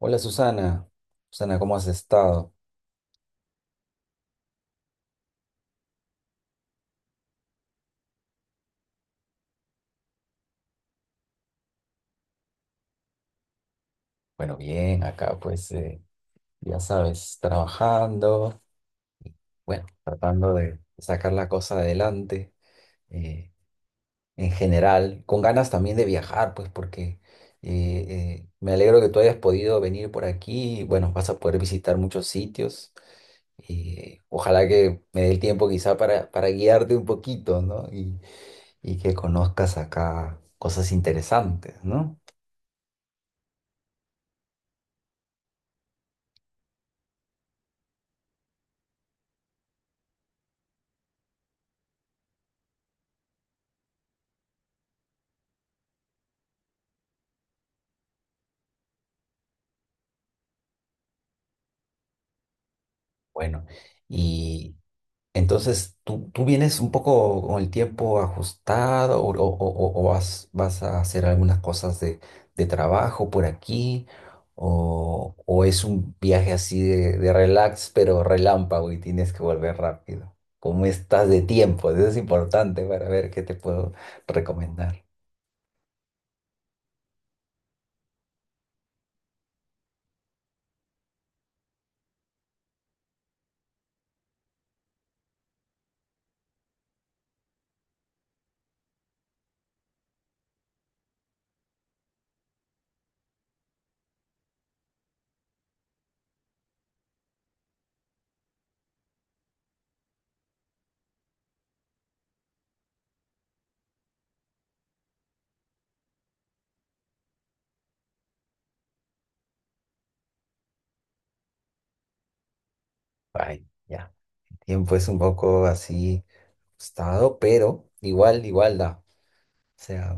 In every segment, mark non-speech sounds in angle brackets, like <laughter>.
Hola Susana, Susana, ¿cómo has estado? Bueno, bien, acá pues ya sabes, trabajando, bueno, tratando de sacar la cosa adelante eh, en general, con ganas también de viajar, pues porque eh, me alegro que tú hayas podido venir por aquí. Bueno, vas a poder visitar muchos sitios y ojalá que me dé el tiempo quizá para guiarte un poquito, ¿no? Y que conozcas acá cosas interesantes, ¿no? Bueno. Y entonces, tú vienes un poco con el tiempo ajustado o vas a hacer algunas cosas de trabajo por aquí? ¿O, o es un viaje así de relax, pero relámpago y tienes que volver rápido? ¿Cómo estás de tiempo? Eso es importante para ver qué te puedo recomendar. Ay, ya. El tiempo es un poco así ajustado, pero igual, igual da. O sea,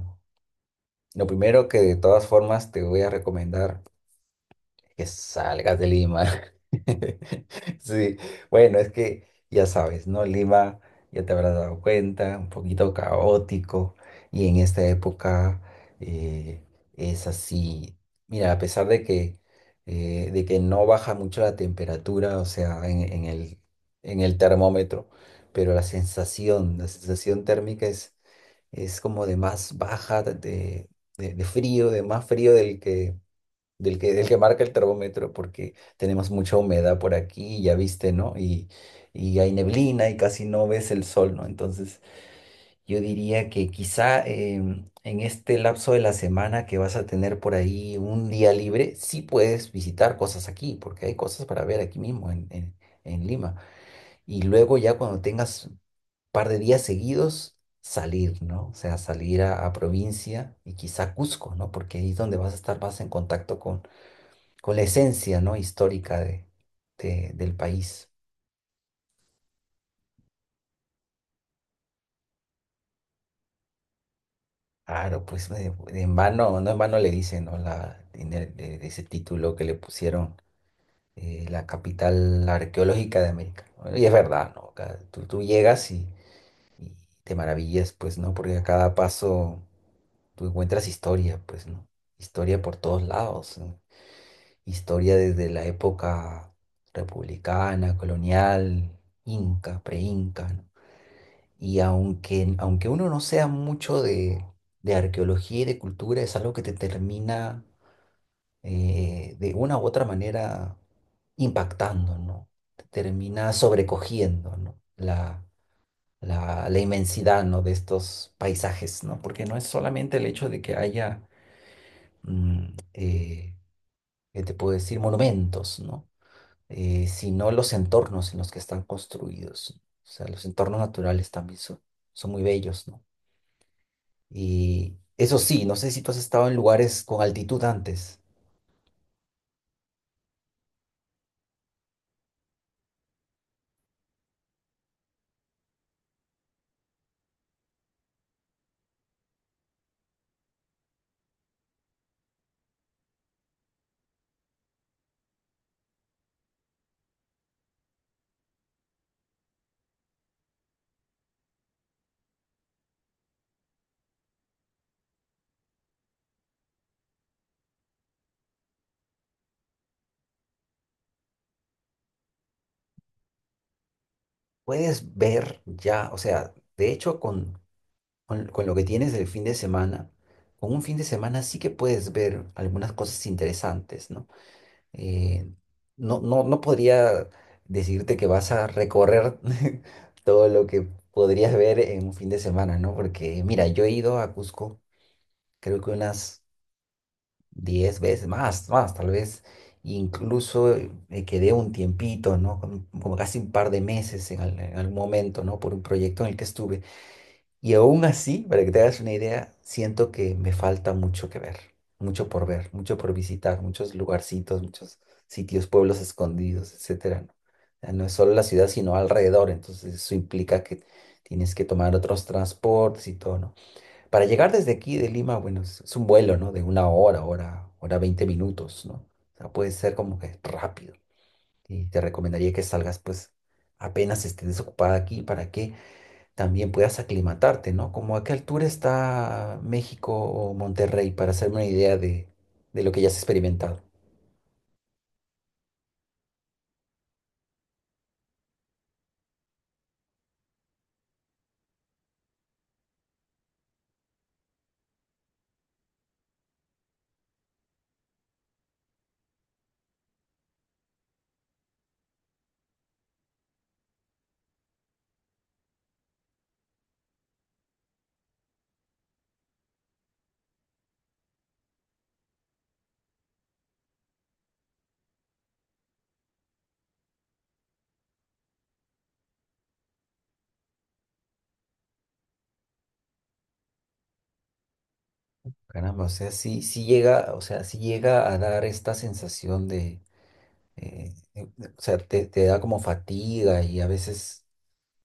lo primero que de todas formas te voy a recomendar. Que salgas de Lima. <laughs> Sí, bueno, es que ya sabes, ¿no? Lima, ya te habrás dado cuenta, un poquito caótico y en esta época eh, es así. Mira, a pesar de que, de que no baja mucho la temperatura, o sea, en el termómetro, pero la sensación térmica es como de más baja, de, de frío, de más frío del que marca el termómetro, porque tenemos mucha humedad por aquí, ya viste, ¿no? Y hay neblina y casi no ves el sol, ¿no? Entonces, yo diría que quizá en este lapso de la semana que vas a tener por ahí un día libre, sí puedes visitar cosas aquí, porque hay cosas para ver aquí mismo en Lima. Y luego ya cuando tengas un par de días seguidos, salir, ¿no? O sea, salir a provincia y quizá Cusco, ¿no? Porque ahí es donde vas a estar más en contacto con la esencia, ¿no? Histórica del país. Claro, pues de en vano, no en vano le dicen, ¿no? La, en el- De ese título que le pusieron la capital arqueológica de América, ¿no? Y es verdad, ¿no? Acá tú llegas y te maravillas, pues, ¿no? Porque a cada paso tú encuentras historia, pues, ¿no? Historia por todos lados, ¿no? Historia desde la época republicana, colonial, inca, preinca. Inca Y aunque, aunque uno no sea mucho de arqueología y de cultura, es algo que te termina de una u otra manera impactando, ¿no? Te termina sobrecogiendo, ¿no? La inmensidad, ¿no? De estos paisajes, ¿no? Porque no es solamente el hecho de que haya, mm, eh, ¿qué te puedo decir? Monumentos, ¿no? Sino los entornos en los que están construidos. O sea, los entornos naturales también son, son muy bellos, ¿no? Y eso sí, no sé si tú has estado en lugares con altitud antes. Puedes ver ya, o sea, de hecho con lo que tienes del fin de semana, con un fin de semana sí que puedes ver algunas cosas interesantes, ¿no? Eh, no podría decirte que vas a recorrer <laughs> todo lo que podrías ver en un fin de semana, ¿no? Porque mira, yo he ido a Cusco creo que unas 10 veces más, más, tal vez incluso me quedé un tiempito, ¿no? Como casi un par de meses en algún momento, ¿no? Por un proyecto en el que estuve. Y aún así, para que te hagas una idea, siento que me falta mucho que ver, mucho por visitar, muchos lugarcitos, muchos sitios, pueblos escondidos, etcétera, ¿no? O sea, no es solo la ciudad, sino alrededor, entonces eso implica que tienes que tomar otros transportes y todo, ¿no? Para llegar desde aquí de Lima, bueno, es un vuelo, ¿no? De una hora, hora 20 minutos, ¿no? O sea, puede ser como que rápido. Y te recomendaría que salgas, pues, apenas estés desocupada aquí para que también puedas aclimatarte, ¿no? Como a qué altura está México o Monterrey, para hacerme una idea de lo que ya has experimentado. Caramba, o sea, sí, sí llega, o sea, sí llega a dar esta sensación de, o sea, te da como fatiga y a veces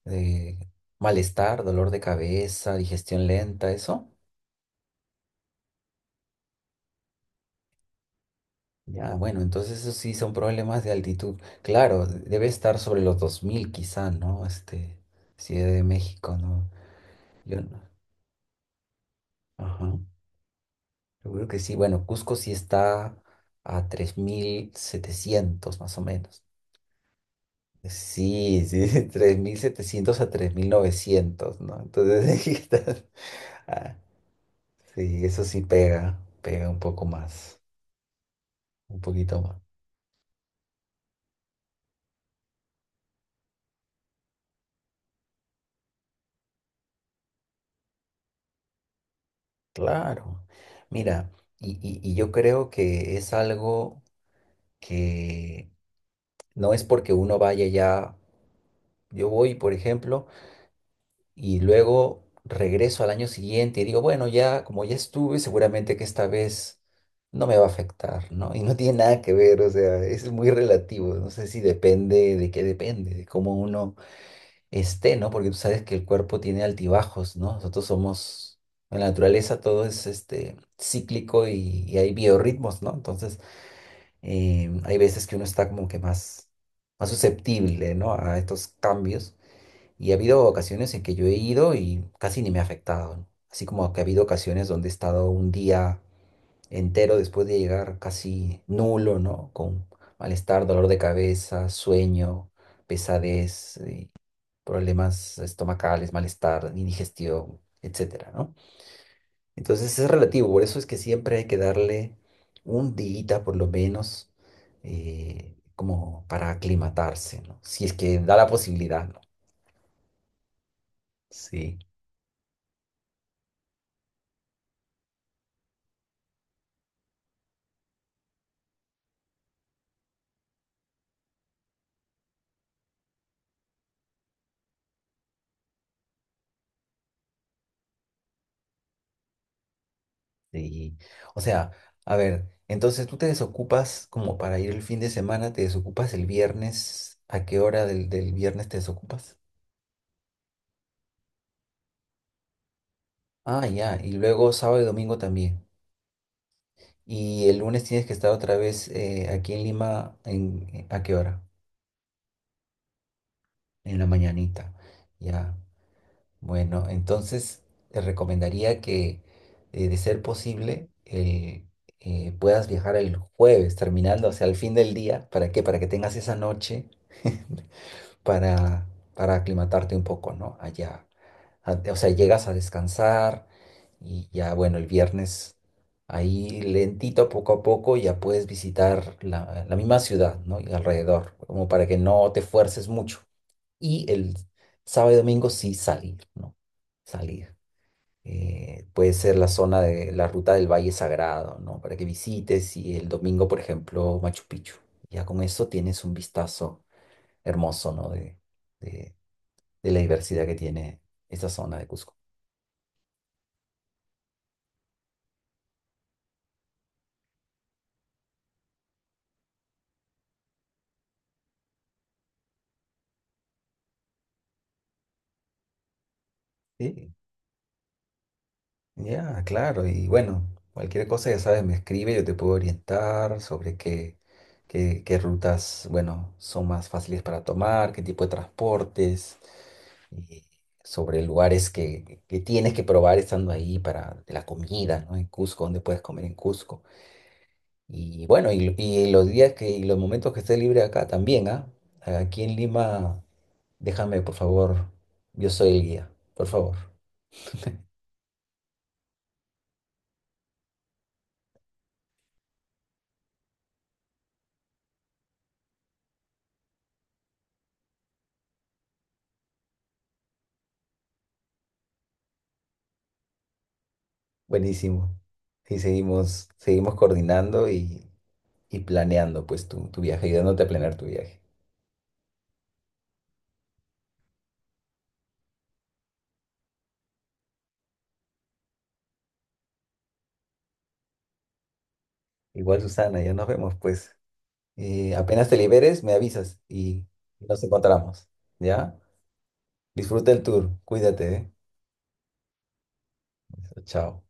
de malestar, dolor de cabeza, digestión lenta, eso. Ya, bueno, entonces eso sí son problemas de altitud. Claro, debe estar sobre los 2000 quizá, ¿no? Este, Ciudad de México, ¿no? Yo no. Ajá. Seguro que sí. Bueno, Cusco sí está a 3700 más o menos. Sí, sí, <laughs> 3700 a 3900, ¿no? Entonces, <laughs> ahí está. ah, sí, eso sí pega, pega un poco más, un poquito más. Claro, mira, y yo creo que es algo que no es porque uno vaya ya, yo voy, por ejemplo, y luego regreso al año siguiente y digo, bueno, ya como ya estuve, seguramente que esta vez no me va a afectar, ¿no? Y no tiene nada que ver, o sea, es muy relativo, no sé si depende de qué depende, de cómo uno esté, ¿no? Porque tú sabes que el cuerpo tiene altibajos, ¿no? Nosotros somos, en la naturaleza todo es este, cíclico y hay biorritmos, ¿no? Entonces, hay veces que uno está como que más, más susceptible, ¿no? A estos cambios. Y ha habido ocasiones en que yo he ido y casi ni me ha afectado, ¿no? Así como que ha habido ocasiones donde he estado un día entero después de llegar casi nulo, ¿no? Con malestar, dolor de cabeza, sueño, pesadez, problemas estomacales, malestar, indigestión, etcétera, ¿no? Entonces es relativo, por eso es que siempre hay que darle un día por lo menos como para aclimatarse, ¿no? Si es que da la posibilidad, ¿no? Sí, sí. O sea, a ver, entonces tú te desocupas como para ir el fin de semana, te desocupas el viernes, ¿a qué hora del viernes te desocupas? Ah, ya, y luego sábado y domingo también. Y el lunes tienes que estar otra vez aquí en Lima, ¿a qué hora? En la mañanita. Ya, bueno, entonces te recomendaría que, de ser posible, puedas viajar el jueves, terminando, o sea, al fin del día. ¿Para qué? Para que tengas esa noche <laughs> para, para aclimatarte un poco, ¿no? Allá. O sea, llegas a descansar y ya, bueno, el viernes ahí lentito, poco a poco, ya puedes visitar la misma ciudad, ¿no? Y alrededor, como para que no te fuerces mucho. Y el sábado y domingo sí salir, ¿no? Salir. Puede ser la zona de la ruta del Valle Sagrado, ¿no? Para que visites y el domingo, por ejemplo, Machu Picchu. Ya con eso tienes un vistazo hermoso, ¿no? De, de la diversidad que tiene esta zona de Cusco. Sí, ya, claro. Y bueno, cualquier cosa, ya sabes, me escribe, yo te puedo orientar sobre qué rutas, bueno, son más fáciles para tomar, qué tipo de transportes, y sobre lugares que tienes que probar estando ahí para la comida, ¿no? En Cusco, dónde puedes comer en Cusco. Y bueno, y los días que, y los momentos que esté libre acá también, ¿ah? Aquí en Lima. Déjame, por favor. Yo soy el guía, por favor. Buenísimo. Y seguimos, seguimos coordinando y planeando pues tu viaje, ayudándote a planear tu viaje. Igual, Susana, ya nos vemos pues. Apenas te liberes, me avisas y nos encontramos. ¿Ya? Disfruta el tour. Cuídate, ¿eh? Chao.